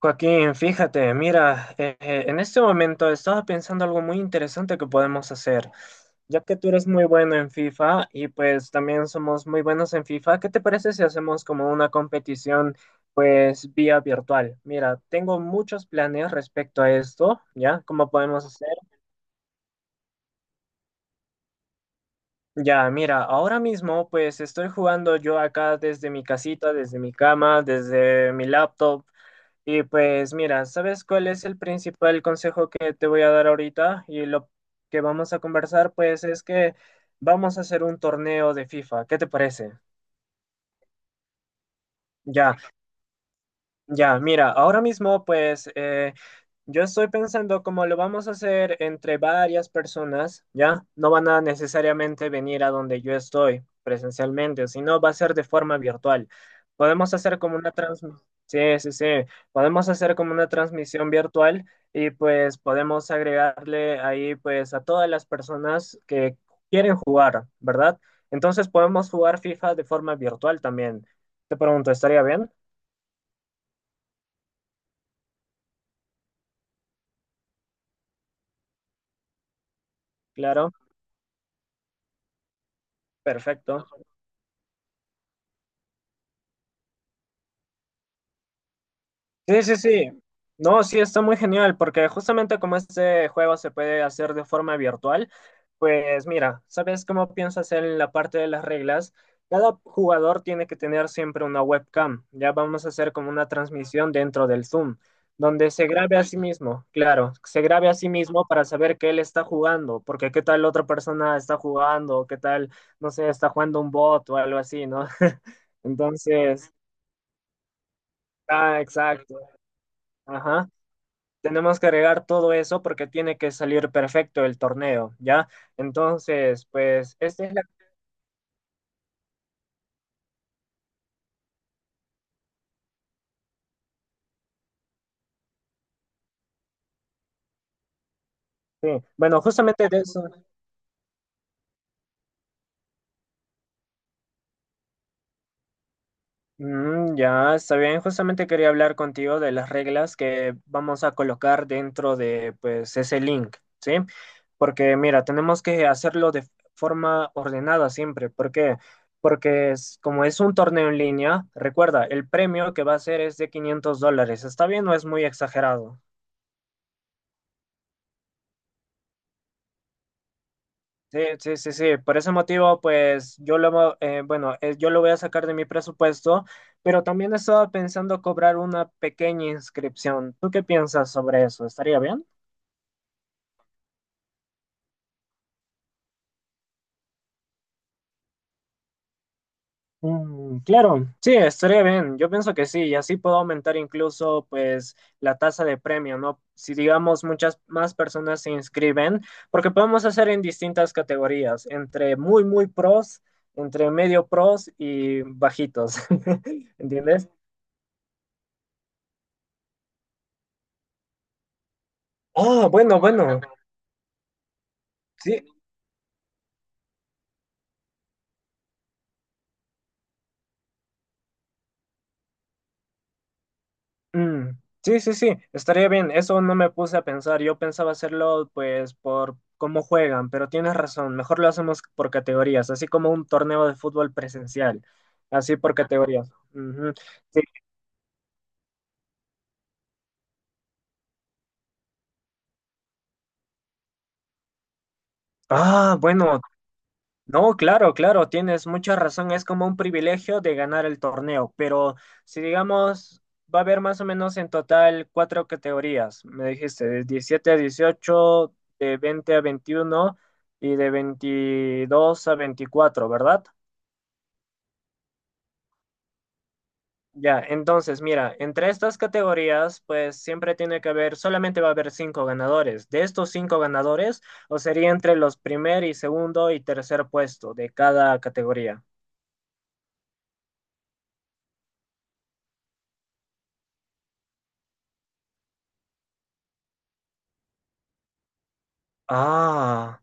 Joaquín, fíjate, mira, en este momento estaba pensando algo muy interesante que podemos hacer. Ya que tú eres muy bueno en FIFA y pues también somos muy buenos en FIFA, ¿qué te parece si hacemos como una competición pues vía virtual? Mira, tengo muchos planes respecto a esto, ¿ya? ¿Cómo podemos hacer? Ya, mira, ahora mismo pues estoy jugando yo acá desde mi casita, desde mi cama, desde mi laptop. Y pues mira, ¿sabes cuál es el principal consejo que te voy a dar ahorita? Y lo que vamos a conversar, pues es que vamos a hacer un torneo de FIFA. ¿Qué te parece? Ya. Ya, mira, ahora mismo pues yo estoy pensando como lo vamos a hacer entre varias personas, ¿ya? No van a necesariamente venir a donde yo estoy presencialmente, sino va a ser de forma virtual. Podemos hacer como una transmisión, sí, sí, sí, podemos hacer como una transmisión virtual y pues podemos agregarle ahí pues a todas las personas que quieren jugar, ¿verdad? Entonces podemos jugar FIFA de forma virtual también. Te pregunto, ¿estaría bien? Claro. Perfecto. Sí, sí, sí. No, sí, está muy genial, porque justamente como este juego se puede hacer de forma virtual, pues mira, ¿sabes cómo pienso hacer en la parte de las reglas? Cada jugador tiene que tener siempre una webcam. Ya vamos a hacer como una transmisión dentro del Zoom, donde se grabe a sí mismo, claro, se grabe a sí mismo para saber que él está jugando, porque qué tal otra persona está jugando, qué tal, no sé, está jugando un bot o algo así, ¿no? Entonces, ah, exacto, ajá. Tenemos que agregar todo eso porque tiene que salir perfecto el torneo, ¿ya? Entonces, pues, esta es la... Sí. Bueno, justamente de eso, mm, ya está bien, justamente quería hablar contigo de las reglas que vamos a colocar dentro de, pues, ese link, ¿sí? Porque, mira, tenemos que hacerlo de forma ordenada siempre, ¿por qué? Porque es, como es un torneo en línea, recuerda, el premio que va a ser es de $500, ¿está bien o es muy exagerado? Sí, sí, sí, sí. Por ese motivo, pues yo lo voy a sacar de mi presupuesto, pero también estaba pensando cobrar una pequeña inscripción. ¿Tú qué piensas sobre eso? ¿Estaría bien? Mm, claro, sí, estaría bien. Yo pienso que sí, y así puedo aumentar incluso, pues, la tasa de premio, ¿no? Si digamos muchas más personas se inscriben, porque podemos hacer en distintas categorías, entre muy, muy pros, entre medio pros y bajitos, ¿entiendes? Ah, bueno, bueno, sí, mm, sí, sí, sí, estaría bien. Eso no me puse a pensar. Yo pensaba hacerlo, pues, por cómo juegan, pero tienes razón. Mejor lo hacemos por categorías, así como un torneo de fútbol presencial, así por categorías. Ujú, sí. Ah, bueno, no, claro, claro, tienes mucha razón. Es como un privilegio de ganar el torneo, pero si digamos, va a haber más o menos en total cuatro categorías. Me dijiste, de 17 a 18, de 20 a 21 y de 22 a 24, ¿verdad? Ya, entonces, mira, entre estas categorías, pues siempre tiene que haber, solamente va a haber cinco ganadores. De estos cinco ganadores, o sería entre los primer y segundo y tercer puesto de cada categoría. Ah.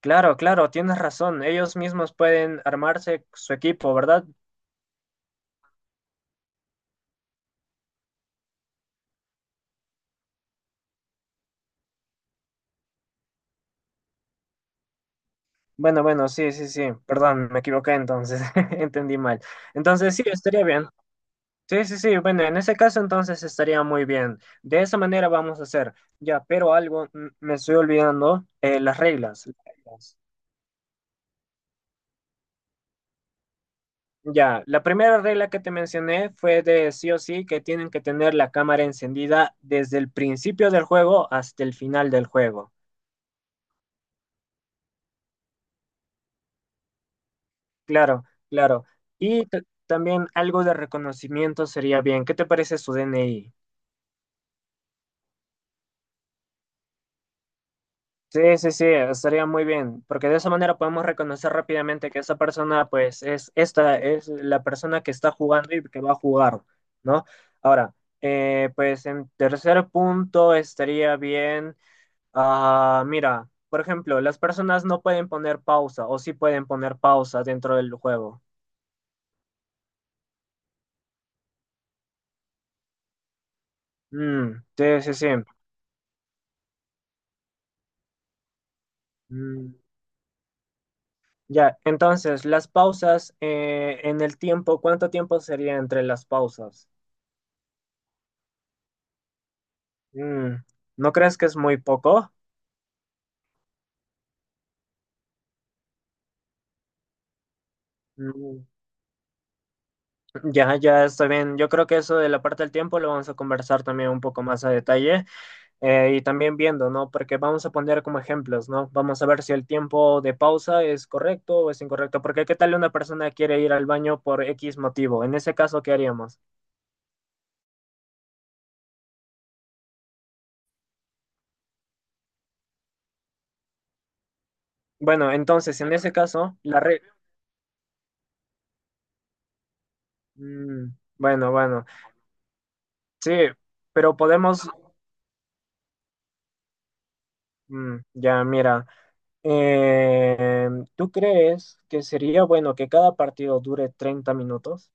Claro, claro, tienes razón. Ellos mismos pueden armarse su equipo, ¿verdad? Bueno, bueno, sí, sí, sí. Perdón, me equivoqué entonces. Entendí mal. Entonces, sí, estaría bien. Sí, sí, sí. Bueno, en ese caso entonces estaría muy bien. De esa manera vamos a hacer. Ya, pero algo mm, me estoy olvidando. Las reglas. Reglas. Ya, la primera regla que te mencioné fue de sí o sí que tienen que tener la cámara encendida desde el principio del juego hasta el final del juego. Claro, claro. Y ta- También algo de reconocimiento sería bien. ¿Qué te parece su DNI? Sí, sí, sí, estaría muy bien, porque de esa manera podemos reconocer rápidamente que esa persona, pues, es esta, es la persona que está jugando y que va a jugar, ¿no? Ahora, pues en tercer punto estaría bien, ah, mira, por ejemplo, las personas no pueden poner pausa o sí pueden poner pausa dentro del juego. Mm, sí, sí, sí. Mm, ya, entonces, las pausas en el tiempo, ¿cuánto tiempo sería entre las pausas? Mm, ¿no crees que es muy poco? Mm, ya, ya está bien. Yo creo que eso de la parte del tiempo lo vamos a conversar también un poco más a detalle y también viendo, ¿no? Porque vamos a poner como ejemplos, ¿no? Vamos a ver si el tiempo de pausa es correcto o es incorrecto. Porque ¿qué tal una persona quiere ir al baño por X motivo? En ese caso, ¿qué haríamos? Bueno, entonces, en ese caso, la re... Mm, bueno, bueno. Sí, pero podemos, mm, ya mira, eh, ¿tú crees que sería bueno que cada partido dure 30 minutos?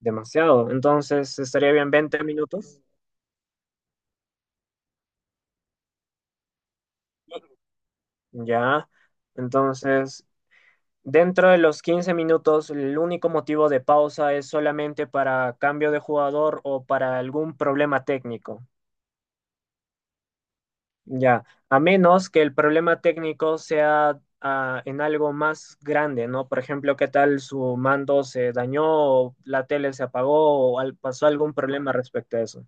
Demasiado, entonces estaría bien 20 minutos, ya. Entonces, dentro de los 15 minutos, el único motivo de pausa es solamente para cambio de jugador o para algún problema técnico. Ya, a menos que el problema técnico sea ah, en algo más grande, ¿no? Por ejemplo, ¿qué tal su mando se dañó o la tele se apagó o pasó algún problema respecto a eso?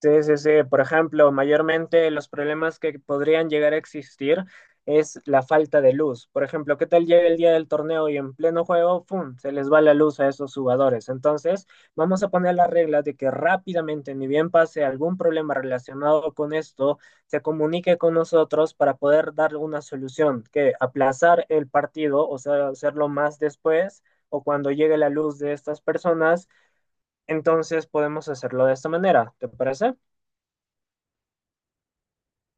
Sí, sí, sí. Por ejemplo, mayormente los problemas que podrían llegar a existir es la falta de luz. Por ejemplo, ¿qué tal llega el día del torneo y en pleno juego, ¡pum!, se les va la luz a esos jugadores. Entonces, vamos a poner la regla de que rápidamente, ni bien pase algún problema relacionado con esto, se comunique con nosotros para poder dar una solución, que aplazar el partido, o sea, hacerlo más después o cuando llegue la luz de estas personas, entonces podemos hacerlo de esta manera. ¿Te parece?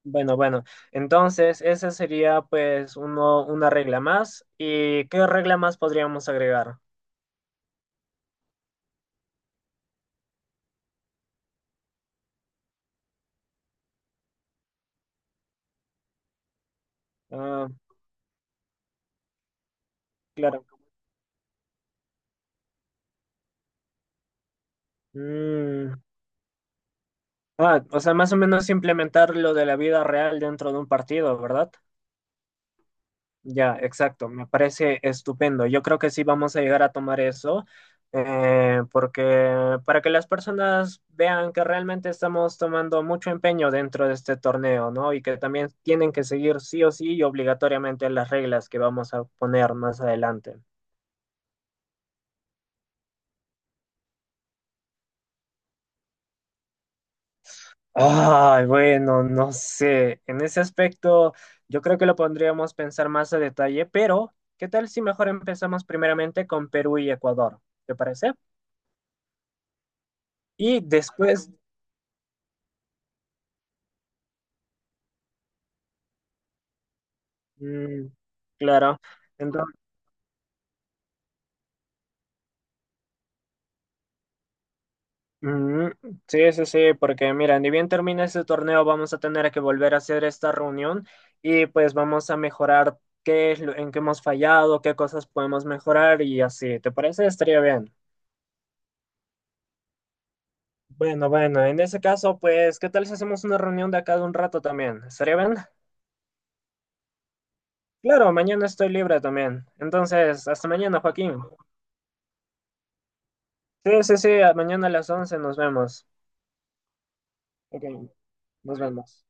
Bueno, bueno, entonces esa sería pues uno, una regla más. ¿Y qué regla más podríamos agregar? Ah, claro. Mm, ah, o sea, más o menos implementar lo de la vida real dentro de un partido, ¿verdad? Ya, exacto, me parece estupendo. Yo creo que sí vamos a llegar a tomar eso, porque para que las personas vean que realmente estamos tomando mucho empeño dentro de este torneo, ¿no? Y que también tienen que seguir sí o sí y obligatoriamente las reglas que vamos a poner más adelante. Ay, bueno, no sé. En ese aspecto, yo creo que lo podríamos pensar más a detalle, pero ¿qué tal si mejor empezamos primeramente con Perú y Ecuador? ¿Te parece? Y después, mm, claro. Entonces, mm, sí, sí, sí, porque mira, ni bien termina este torneo, vamos a tener que volver a hacer esta reunión y pues vamos a mejorar qué es lo, en qué hemos fallado, qué cosas podemos mejorar y así. ¿Te parece? Estaría bien. Bueno, bueno, en ese caso, pues, ¿qué tal si hacemos una reunión de acá de un rato también? ¿Estaría bien? Claro, mañana estoy libre también. Entonces, hasta mañana, Joaquín. Sí, sí, sí, mañana a las 11 nos vemos. Ok, nos vemos.